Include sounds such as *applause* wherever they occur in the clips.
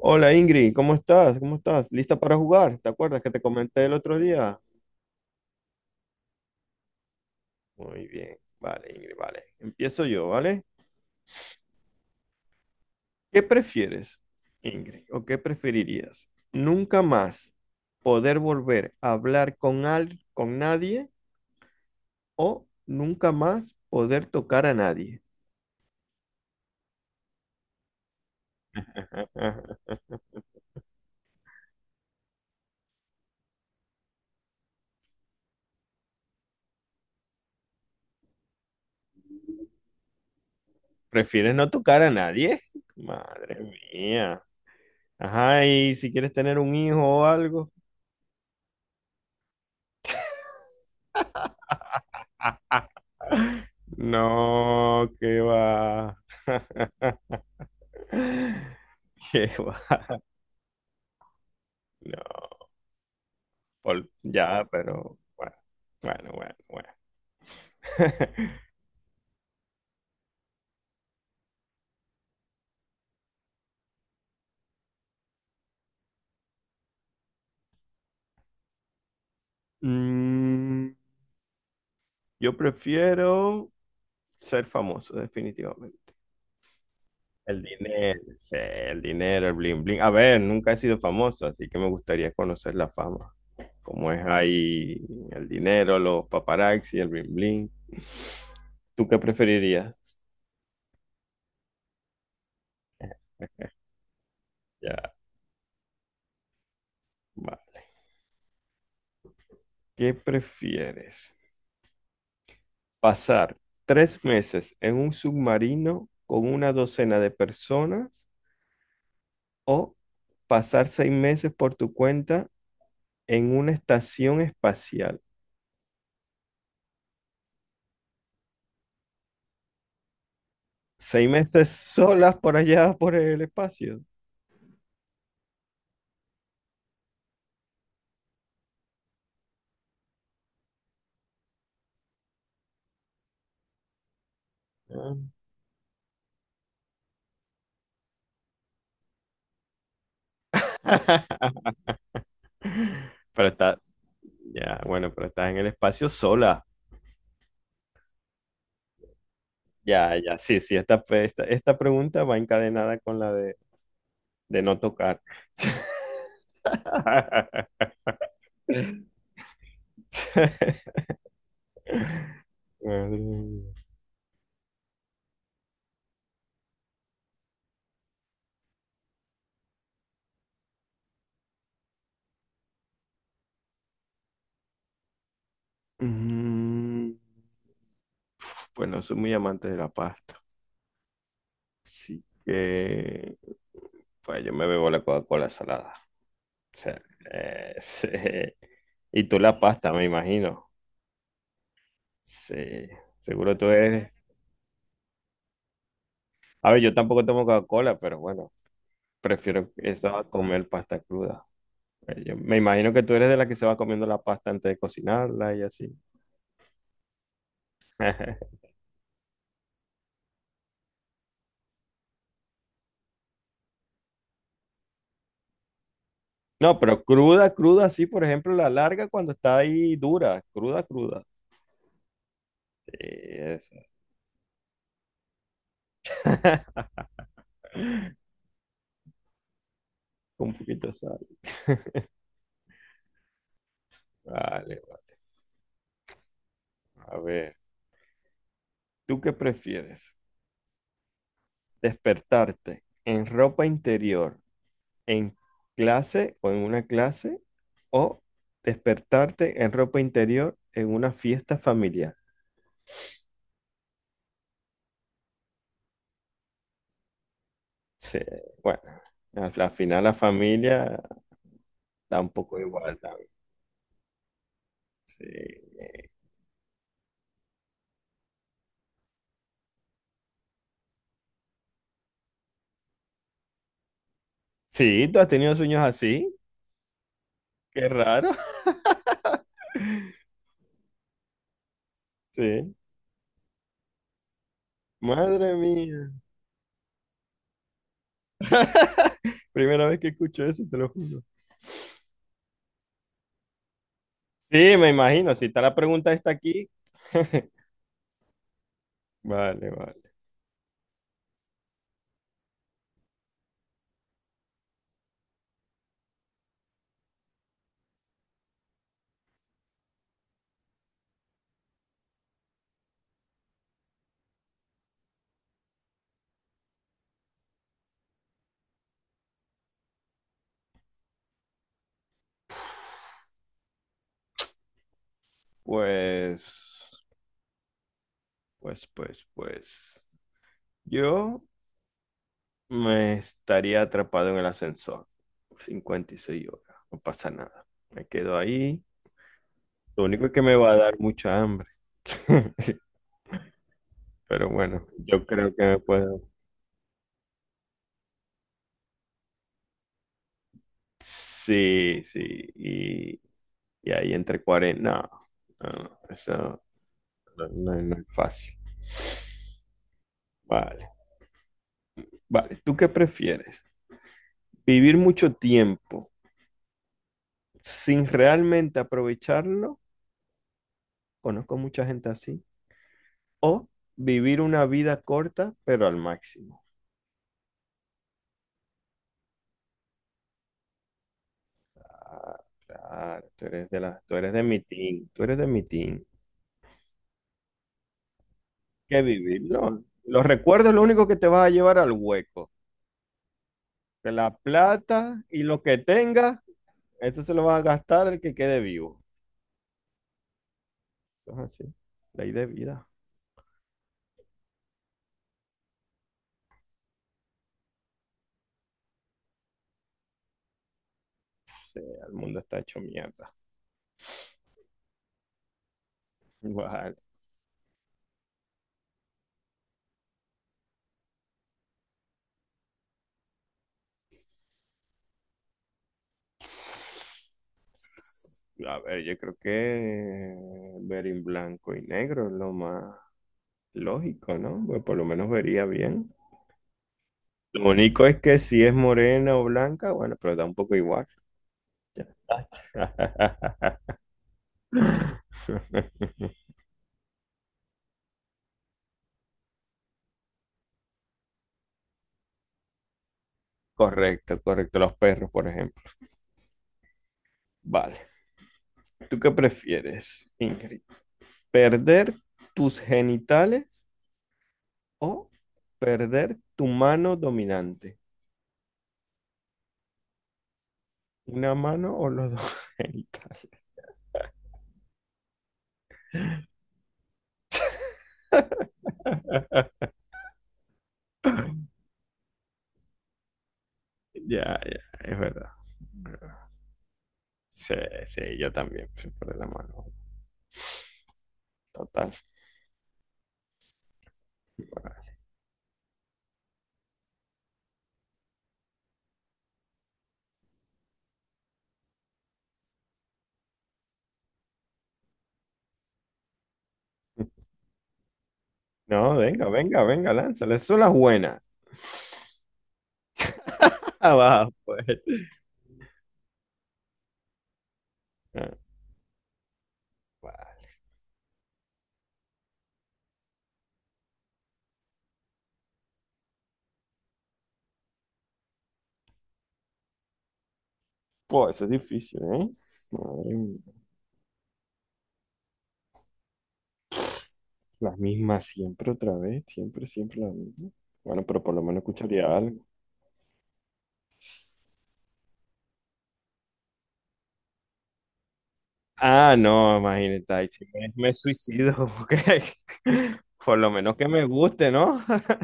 Hola Ingrid, ¿cómo estás? ¿Cómo estás? ¿Lista para jugar? ¿Te acuerdas que te comenté el otro día? Muy bien, vale Ingrid, vale. Empiezo yo, ¿vale? ¿Qué prefieres, Ingrid? ¿O qué preferirías? ¿Nunca más poder volver a hablar con, con nadie o nunca más poder tocar a nadie? *laughs* ¿Prefieres no tocar a nadie? Madre mía. Ajá, y si quieres tener un hijo o algo. No, qué va. *laughs* *laughs* Qué va- No, ya, pero bueno. *laughs* Mm, yo prefiero ser famoso, definitivamente. El dinero, sí, el dinero, el bling bling. A ver, nunca he sido famoso, así que me gustaría conocer la fama. Cómo es ahí el dinero, los paparazzi, el bling bling. ¿Tú qué preferirías? Ya, vale. ¿Qué prefieres? Pasar tres meses en un submarino con una docena de personas, o pasar seis meses por tu cuenta en una estación espacial. Seis meses *laughs* solas por allá por el espacio. Ah. *laughs* Pero está, ya, bueno, pero estás en el espacio sola. Ya, ya, sí, sí, esta pregunta va encadenada con la de no tocar. *laughs* *laughs* Madre mía. Mm, Bueno, soy muy amante de la pasta. Así que, pues yo me bebo la Coca-Cola salada. O sea, *laughs* sí. Y tú la pasta, me imagino. Sí, seguro tú eres. A ver, yo tampoco tomo Coca-Cola, pero bueno, prefiero eso a comer pasta cruda. Yo me imagino que tú eres de la que se va comiendo la pasta antes de cocinarla y así. *laughs* No, pero cruda, cruda, sí, por ejemplo, la larga cuando está ahí dura, cruda, cruda. Sí, esa. *laughs* Con un poquito de sal. Vale, vale. A ver, ¿tú qué prefieres? ¿Despertarte en ropa interior, en clase o en una clase? ¿O despertarte en ropa interior en una fiesta familiar? Sí, bueno, al final la familia da un poco igual también. Sí. Sí, tú has tenido sueños así. Qué raro. *laughs* Sí. Madre mía. *laughs* Primera vez que escucho eso, te lo juro. Sí, me imagino. Si está la pregunta está aquí. *laughs* Vale, vale. Pues, pues. Yo me estaría atrapado en el ascensor. 56 horas. No pasa nada. Me quedo ahí. Lo único es que me va a dar mucha hambre. *laughs* Pero bueno, yo creo que me puedo. Sí, sí. Y, y ahí entre 40. No, eso no es fácil. Vale, vale. ¿Tú qué prefieres? ¿Vivir mucho tiempo sin realmente aprovecharlo? Conozco mucha gente así. ¿O vivir una vida corta, pero al máximo? Ah, claro, tú eres de mi team, tú eres de mi team. ¿Qué vivirlo? Los recuerdos es lo único que te vas a llevar al hueco. Que la plata y lo que tengas, eso se lo va a gastar el que quede vivo. Eso es así, ley de vida. Sí, el mundo está hecho mierda. Vale. A ver, yo creo que ver en blanco y negro es lo más lógico, ¿no? Pues por lo menos vería bien. Lo único es que si es morena o blanca, bueno, pero da un poco igual. *laughs* Correcto, correcto. Los perros, por ejemplo. Vale. ¿Tú qué prefieres, Ingrid? ¿Perder tus genitales o perder tu mano dominante? ¿Una mano o los dos *laughs* genitales? Ya, ya, es verdad. Sí, sí, yo también, sí, por la mano. Total. No, venga, venga, venga, lánzale. Son las buenas. *laughs* Ah, va, pues. Ah, va. Pues, eso es difícil, ¿eh? Madre mía. Las mismas siempre otra vez, siempre, siempre las mismas. Bueno, pero por lo menos escucharía algo. Ah, no, imagínate, ahí sí me suicido, *laughs* porque por lo menos que me guste, ¿no? *laughs*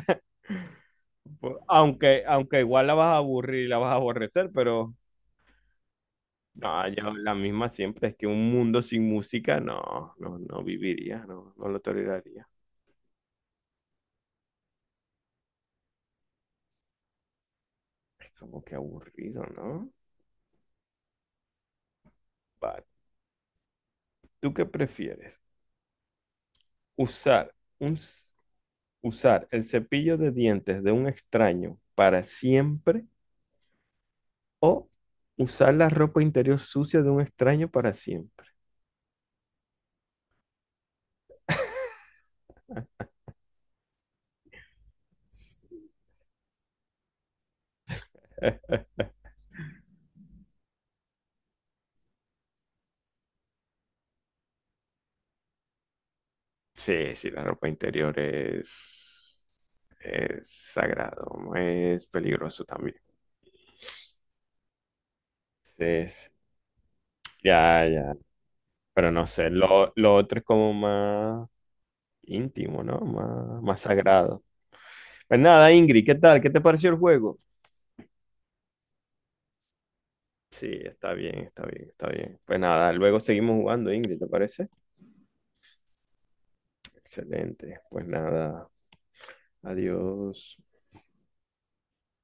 Pues, aunque, aunque igual la vas a aburrir y la vas a aborrecer, pero no, yo la misma siempre. Es que un mundo sin música, no viviría, no lo toleraría. Es como que aburrido, ¿no? Vale. ¿Tú qué prefieres? ¿Usar un, s- usar el cepillo de dientes de un extraño para siempre o usar la ropa interior sucia de un extraño para siempre? *laughs* Sí, sí, la ropa interior es sagrado, ¿no? Es peligroso también. Entonces, ya, ya, pero no sé, lo otro es como más íntimo, ¿no? Más, más sagrado. Pues nada, Ingrid, ¿qué tal? ¿Qué te pareció el juego? Sí, está bien, está bien, está bien. Pues nada, luego seguimos jugando, Ingrid, ¿te parece? Excelente. Pues nada, adiós.